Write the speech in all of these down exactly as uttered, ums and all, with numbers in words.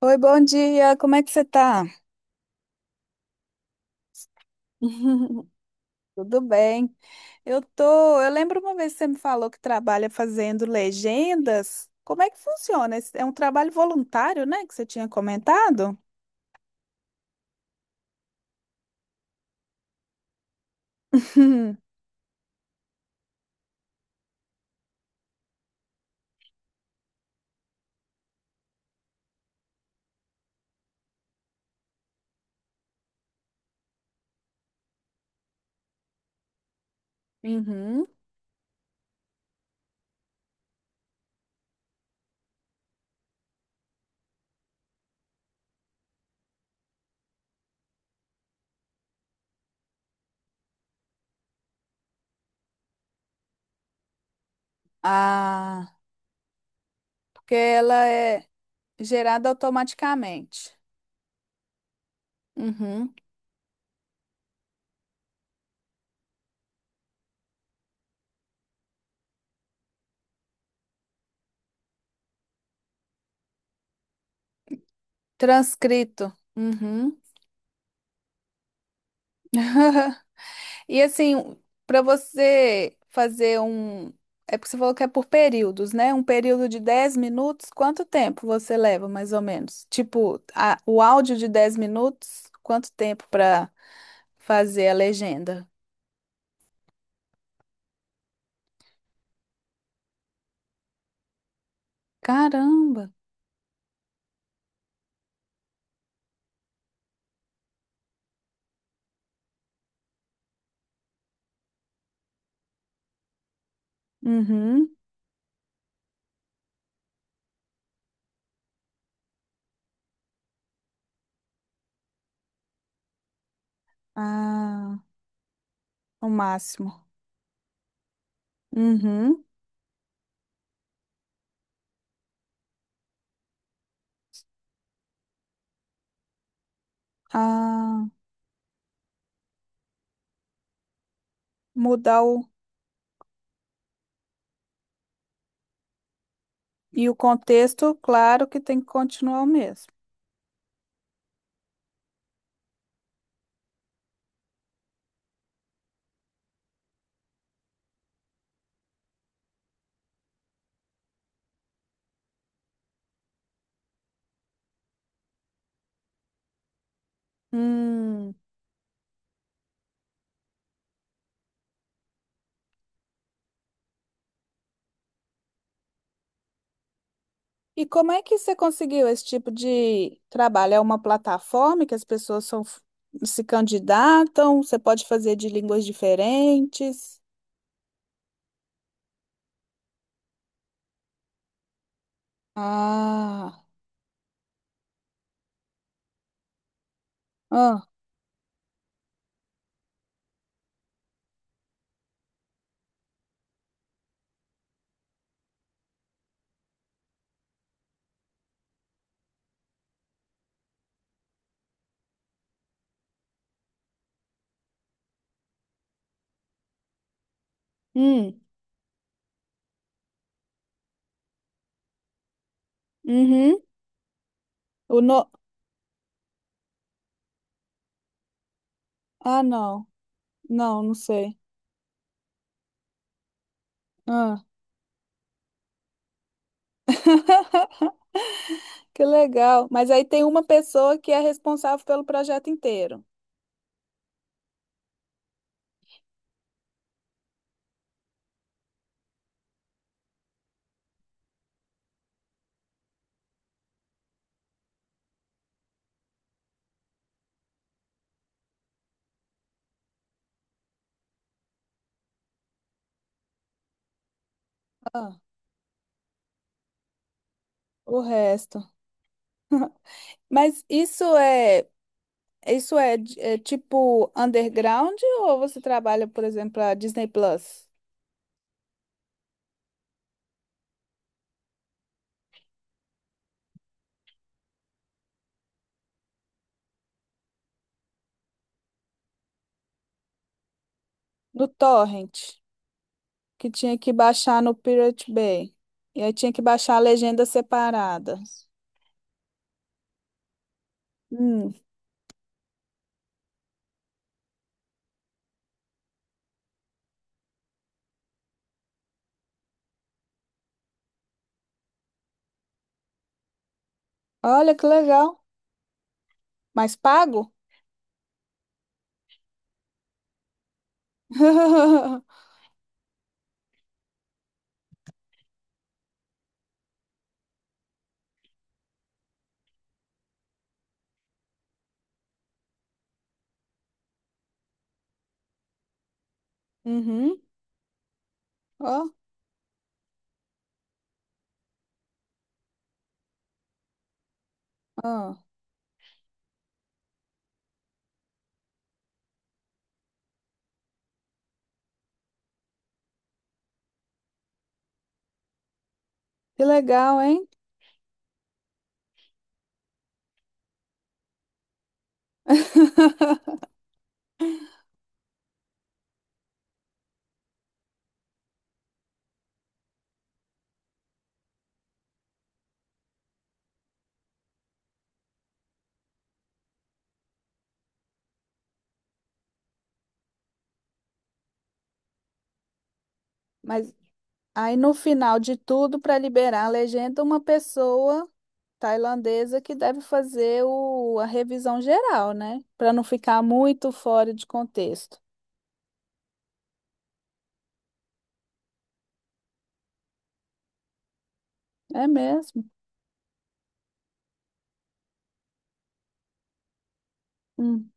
Oi, bom dia. Como é que você tá? Tudo bem? Eu tô, eu lembro uma vez que você me falou que trabalha fazendo legendas. Como é que funciona? Esse- É um trabalho voluntário, né, que você tinha comentado? Uhum. Ah, porque ela é gerada automaticamente. Uhum. Transcrito. Uhum. E assim, para você fazer um. É porque você falou que é por períodos, né? Um período de dez minutos, quanto tempo você leva, mais ou menos? Tipo, a- o áudio de dez minutos, quanto tempo para fazer a legenda? Caramba! Uhum. Ah, o máximo. Uhum. Ah, mudar o. E o contexto, claro que tem que continuar o mesmo. Hum. E como é que você conseguiu esse tipo de trabalho? É uma plataforma que as pessoas são, se candidatam? Você pode fazer de línguas diferentes? Ah, ah, hum, uhum. O no... Ah, não, não, não sei. Ah. Que legal. Mas aí tem uma pessoa que é responsável pelo projeto inteiro. Ah, o resto. Mas isso é. Isso é, de- é tipo underground ou você trabalha, por exemplo, a Disney Plus? No Torrent, que tinha que baixar no Pirate Bay. E aí tinha que baixar a legenda separada. Hum, olha que legal. Mas pago? Uhum. Ó, ó. Que legal, hein? Mas aí no final de tudo, para liberar a legenda, uma pessoa. Tailandesa que deve fazer o, a revisão geral, né? Para não ficar muito fora de contexto. É mesmo? Hum,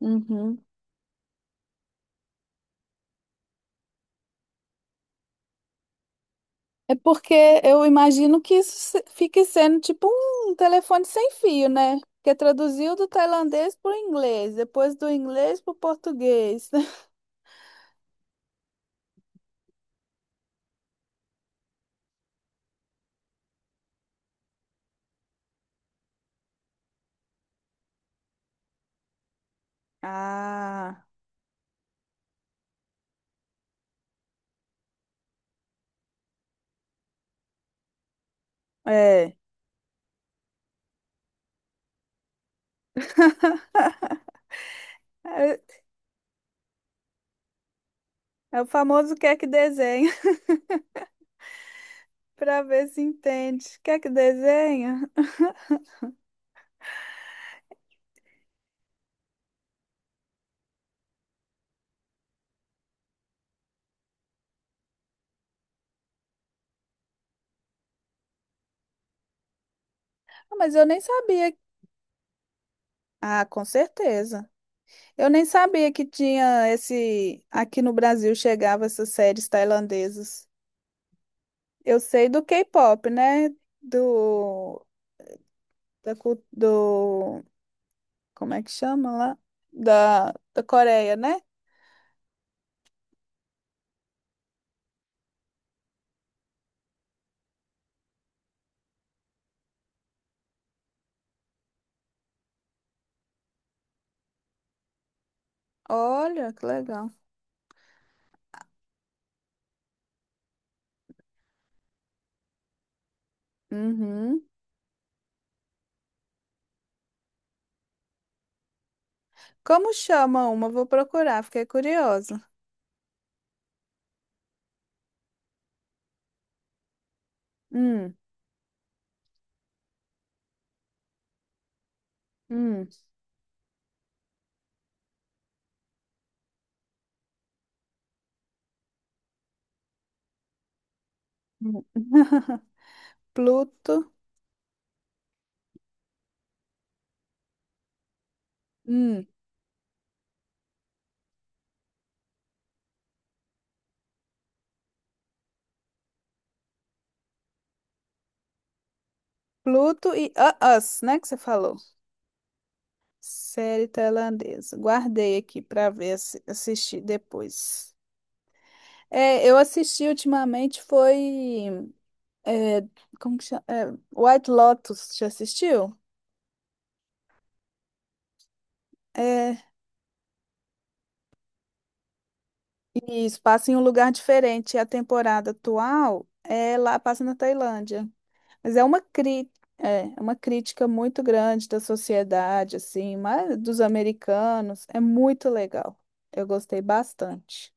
uhum. É porque eu imagino que isso se- fique sendo tipo um telefone sem fio, né? Porque traduziu do tailandês para o inglês, depois do inglês para o português. Ah, é. É, é o famoso quer que desenha, para ver se entende. Quer que desenha? Ah, mas eu nem sabia. Ah, com certeza. Eu nem sabia que tinha esse. Aqui no Brasil chegava essas séries tailandesas. Eu sei do K-pop, né? Do. Da, cu- do. Como é que chama lá? Da, da Coreia, né? Olha, que legal. Uhum. Como chama uma? Vou procurar, fiquei curiosa. Hum, hum, hum. Pluto. Hum. Pluto e uh, Us, né? Que você falou. Série tailandesa. Guardei aqui para ver assi- assistir depois. É, eu assisti ultimamente foi é, como que chama? É, White Lotus, já assistiu? É, isso, passa em um lugar diferente. A temporada atual é lá, passa na Tailândia. Mas é uma cri é, é uma crítica muito grande da sociedade, assim, mas dos americanos. É muito legal. Eu gostei bastante.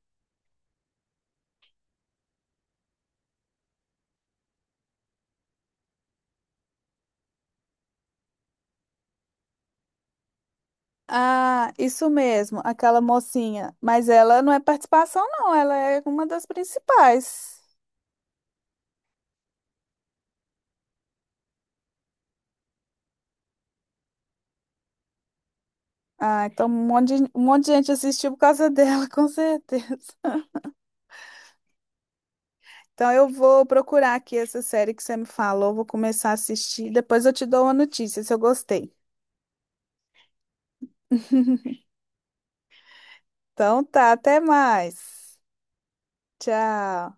Ah, isso mesmo, aquela mocinha. Mas ela não é participação, não, ela é uma das principais. Ah, então um monte de, um monte de gente assistiu por causa dela, com certeza. Então eu vou procurar aqui essa série que você me falou, vou começar a assistir, depois eu te dou uma notícia se eu gostei. Então tá, até mais. Tchau.